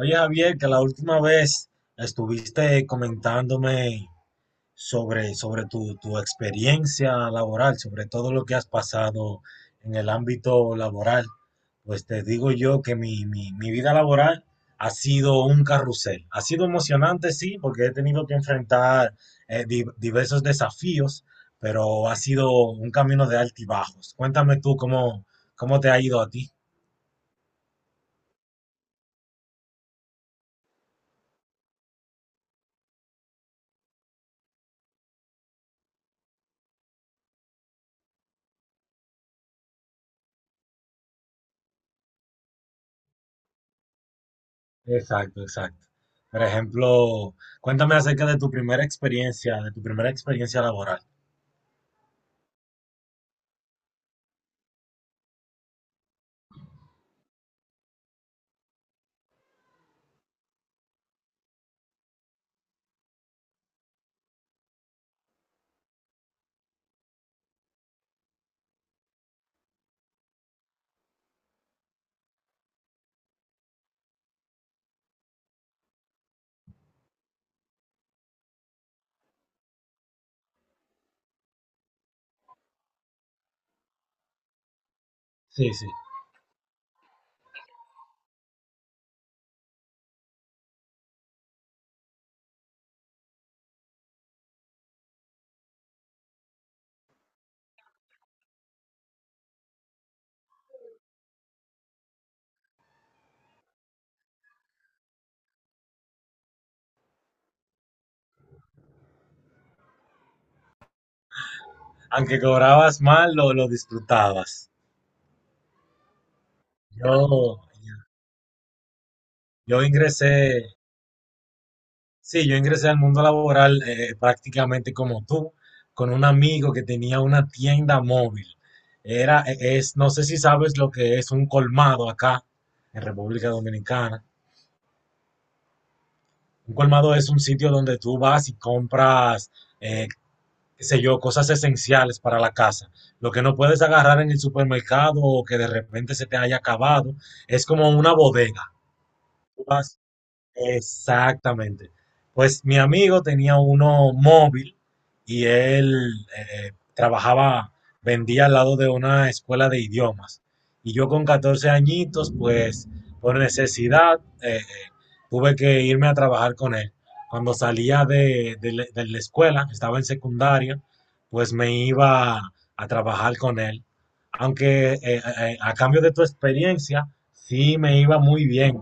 Oye, Javier, que la última vez estuviste comentándome sobre tu experiencia laboral, sobre todo lo que has pasado en el ámbito laboral. Pues te digo yo que mi vida laboral ha sido un carrusel. Ha sido emocionante, sí, porque he tenido que enfrentar diversos desafíos, pero ha sido un camino de altibajos. Cuéntame tú cómo te ha ido a ti. Exacto, exacto. Por ejemplo, cuéntame acerca de tu primera experiencia laboral. Sí, sí. Aunque cobrabas mal, lo disfrutabas. Yo, yo ingresé, sí, yo ingresé al mundo laboral, prácticamente como tú, con un amigo que tenía una tienda móvil. Es, no sé si sabes lo que es un colmado acá, en República Dominicana. Un colmado es un sitio donde tú vas y compras, eh, qué sé yo, cosas esenciales para la casa. Lo que no puedes agarrar en el supermercado o que de repente se te haya acabado, es como una bodega. Tú vas Exactamente. Pues mi amigo tenía uno móvil y él eh, trabajaba, vendía al lado de una escuela de idiomas. Y yo con 14 añitos, pues por necesidad, tuve que irme a trabajar con él. Cuando salía de la escuela, estaba en secundaria, pues me iba a trabajar con él, aunque a cambio de tu experiencia, sí me iba muy bien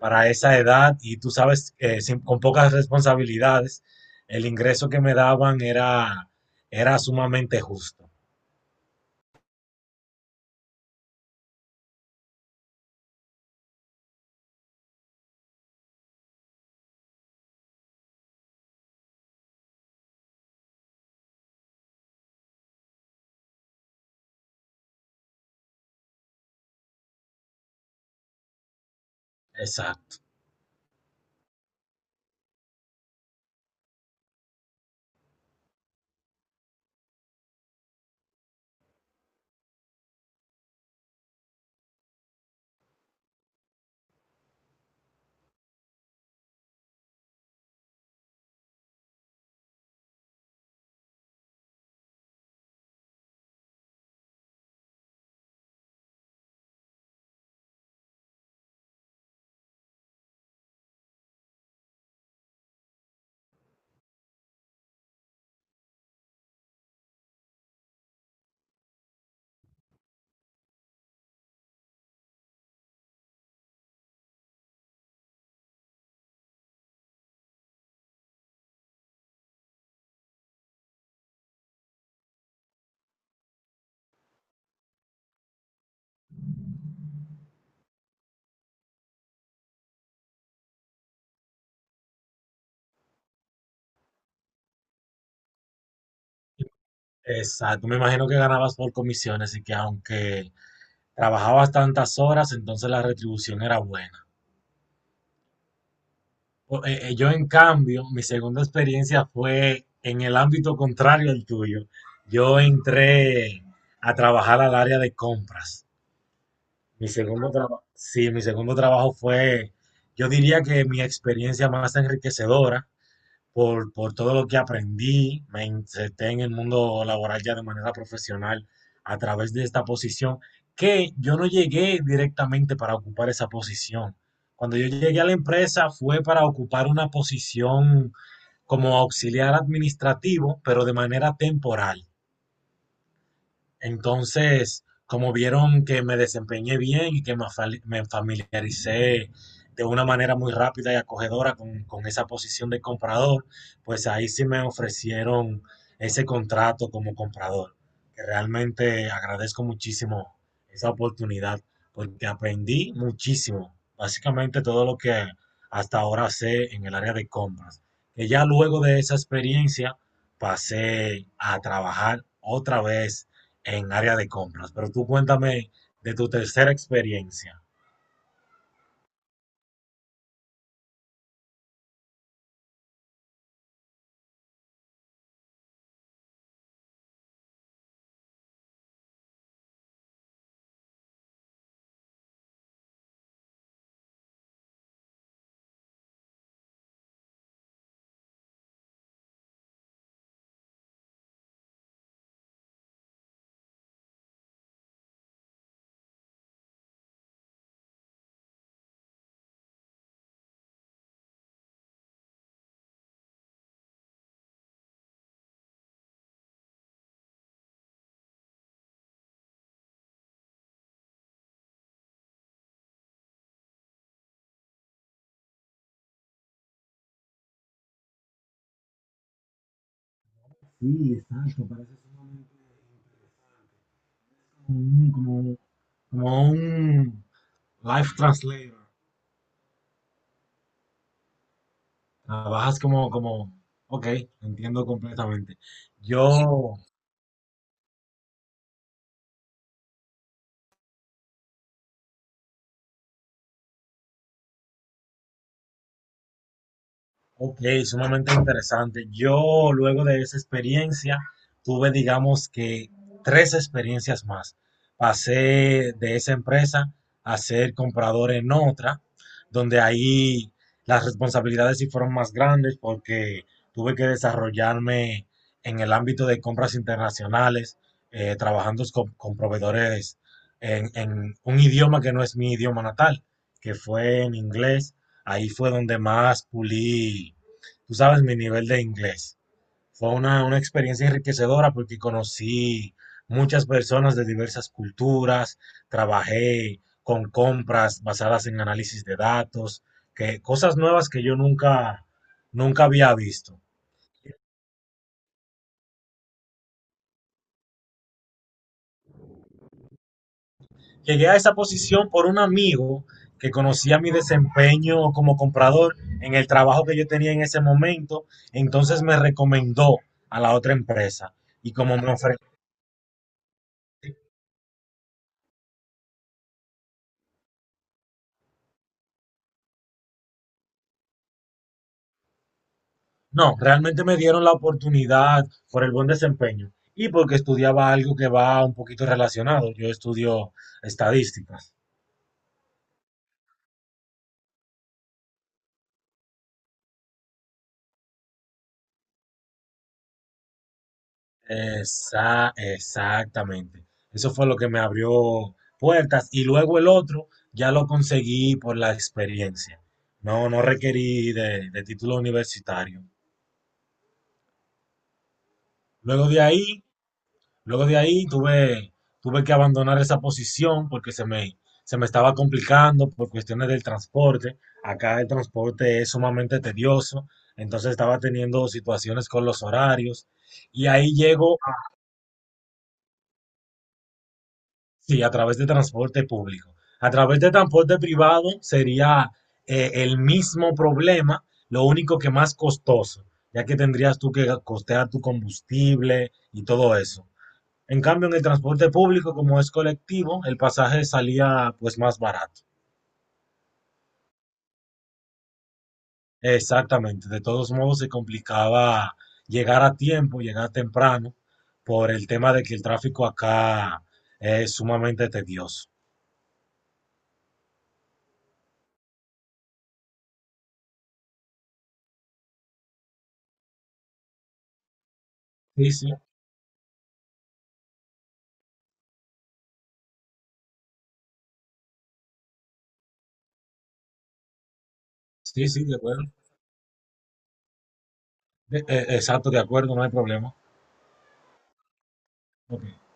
para esa edad y tú sabes, con pocas responsabilidades, el ingreso que me daban era sumamente justo. Exacto, exacto. Me imagino que ganabas por comisiones y que aunque trabajabas tantas horas, entonces la retribución era buena. Yo, en cambio, mi segunda experiencia fue en el ámbito contrario al tuyo. Yo entré a trabajar al área de compras. Mi segundo trabajo fue, yo diría que mi experiencia más enriquecedora, por todo lo que aprendí. Me inserté en el mundo laboral ya de manera profesional a través de esta posición, que yo no llegué directamente para ocupar esa posición. Cuando yo llegué a la empresa fue para ocupar una posición como auxiliar administrativo, pero de manera temporal. Entonces, como vieron que me desempeñé bien y que me familiaricé de una manera muy rápida y acogedora con esa posición de comprador, pues ahí sí me ofrecieron ese contrato como comprador, que realmente agradezco muchísimo esa oportunidad, porque aprendí muchísimo, básicamente todo lo que hasta ahora sé en el área de compras, que ya luego de esa experiencia pasé a trabajar otra vez en área de compras. Pero tú cuéntame de tu tercera experiencia. Sí, exacto, parece que es un como, como, como un life translator. Trabajas como, como, ok, entiendo completamente. Yo Ok, sumamente interesante. Yo luego de esa experiencia tuve, digamos que, tres experiencias más. Pasé de esa empresa a ser comprador en otra, donde ahí las responsabilidades sí fueron más grandes porque tuve que desarrollarme en el ámbito de compras internacionales, trabajando con proveedores en un idioma que no es mi idioma natal, que fue en inglés. Ahí fue donde más pulí, tú sabes, mi nivel de inglés. Fue una experiencia enriquecedora porque conocí muchas personas de diversas culturas, trabajé con compras basadas en análisis de datos, que, cosas nuevas que yo nunca había visto. Llegué a esa posición por un amigo que conocía mi desempeño como comprador en el trabajo que yo tenía en ese momento, entonces me recomendó a la otra empresa. Y como me ofrecieron No, realmente me dieron la oportunidad por el buen desempeño y porque estudiaba algo que va un poquito relacionado. Yo estudio estadísticas. Exactamente. Eso fue lo que me abrió puertas y luego el otro ya lo conseguí por la experiencia. No, no requerí de título universitario. Luego de ahí Luego de ahí tuve que abandonar esa posición porque se me estaba complicando por cuestiones del transporte. Acá el transporte es sumamente tedioso, entonces estaba teniendo situaciones con los horarios. Y ahí llego, sí, a través de transporte público. A través de transporte privado sería el mismo problema, lo único que más costoso, ya que tendrías tú que costear tu combustible y todo eso. En cambio, en el transporte público, como es colectivo, el pasaje salía pues más barato. Exactamente. De todos modos, se complicaba llegar a tiempo, llegar temprano, por el tema de que el tráfico acá es sumamente tedioso. Sí, sí, sí, de acuerdo. Exacto, de acuerdo, no hay problema. Ok.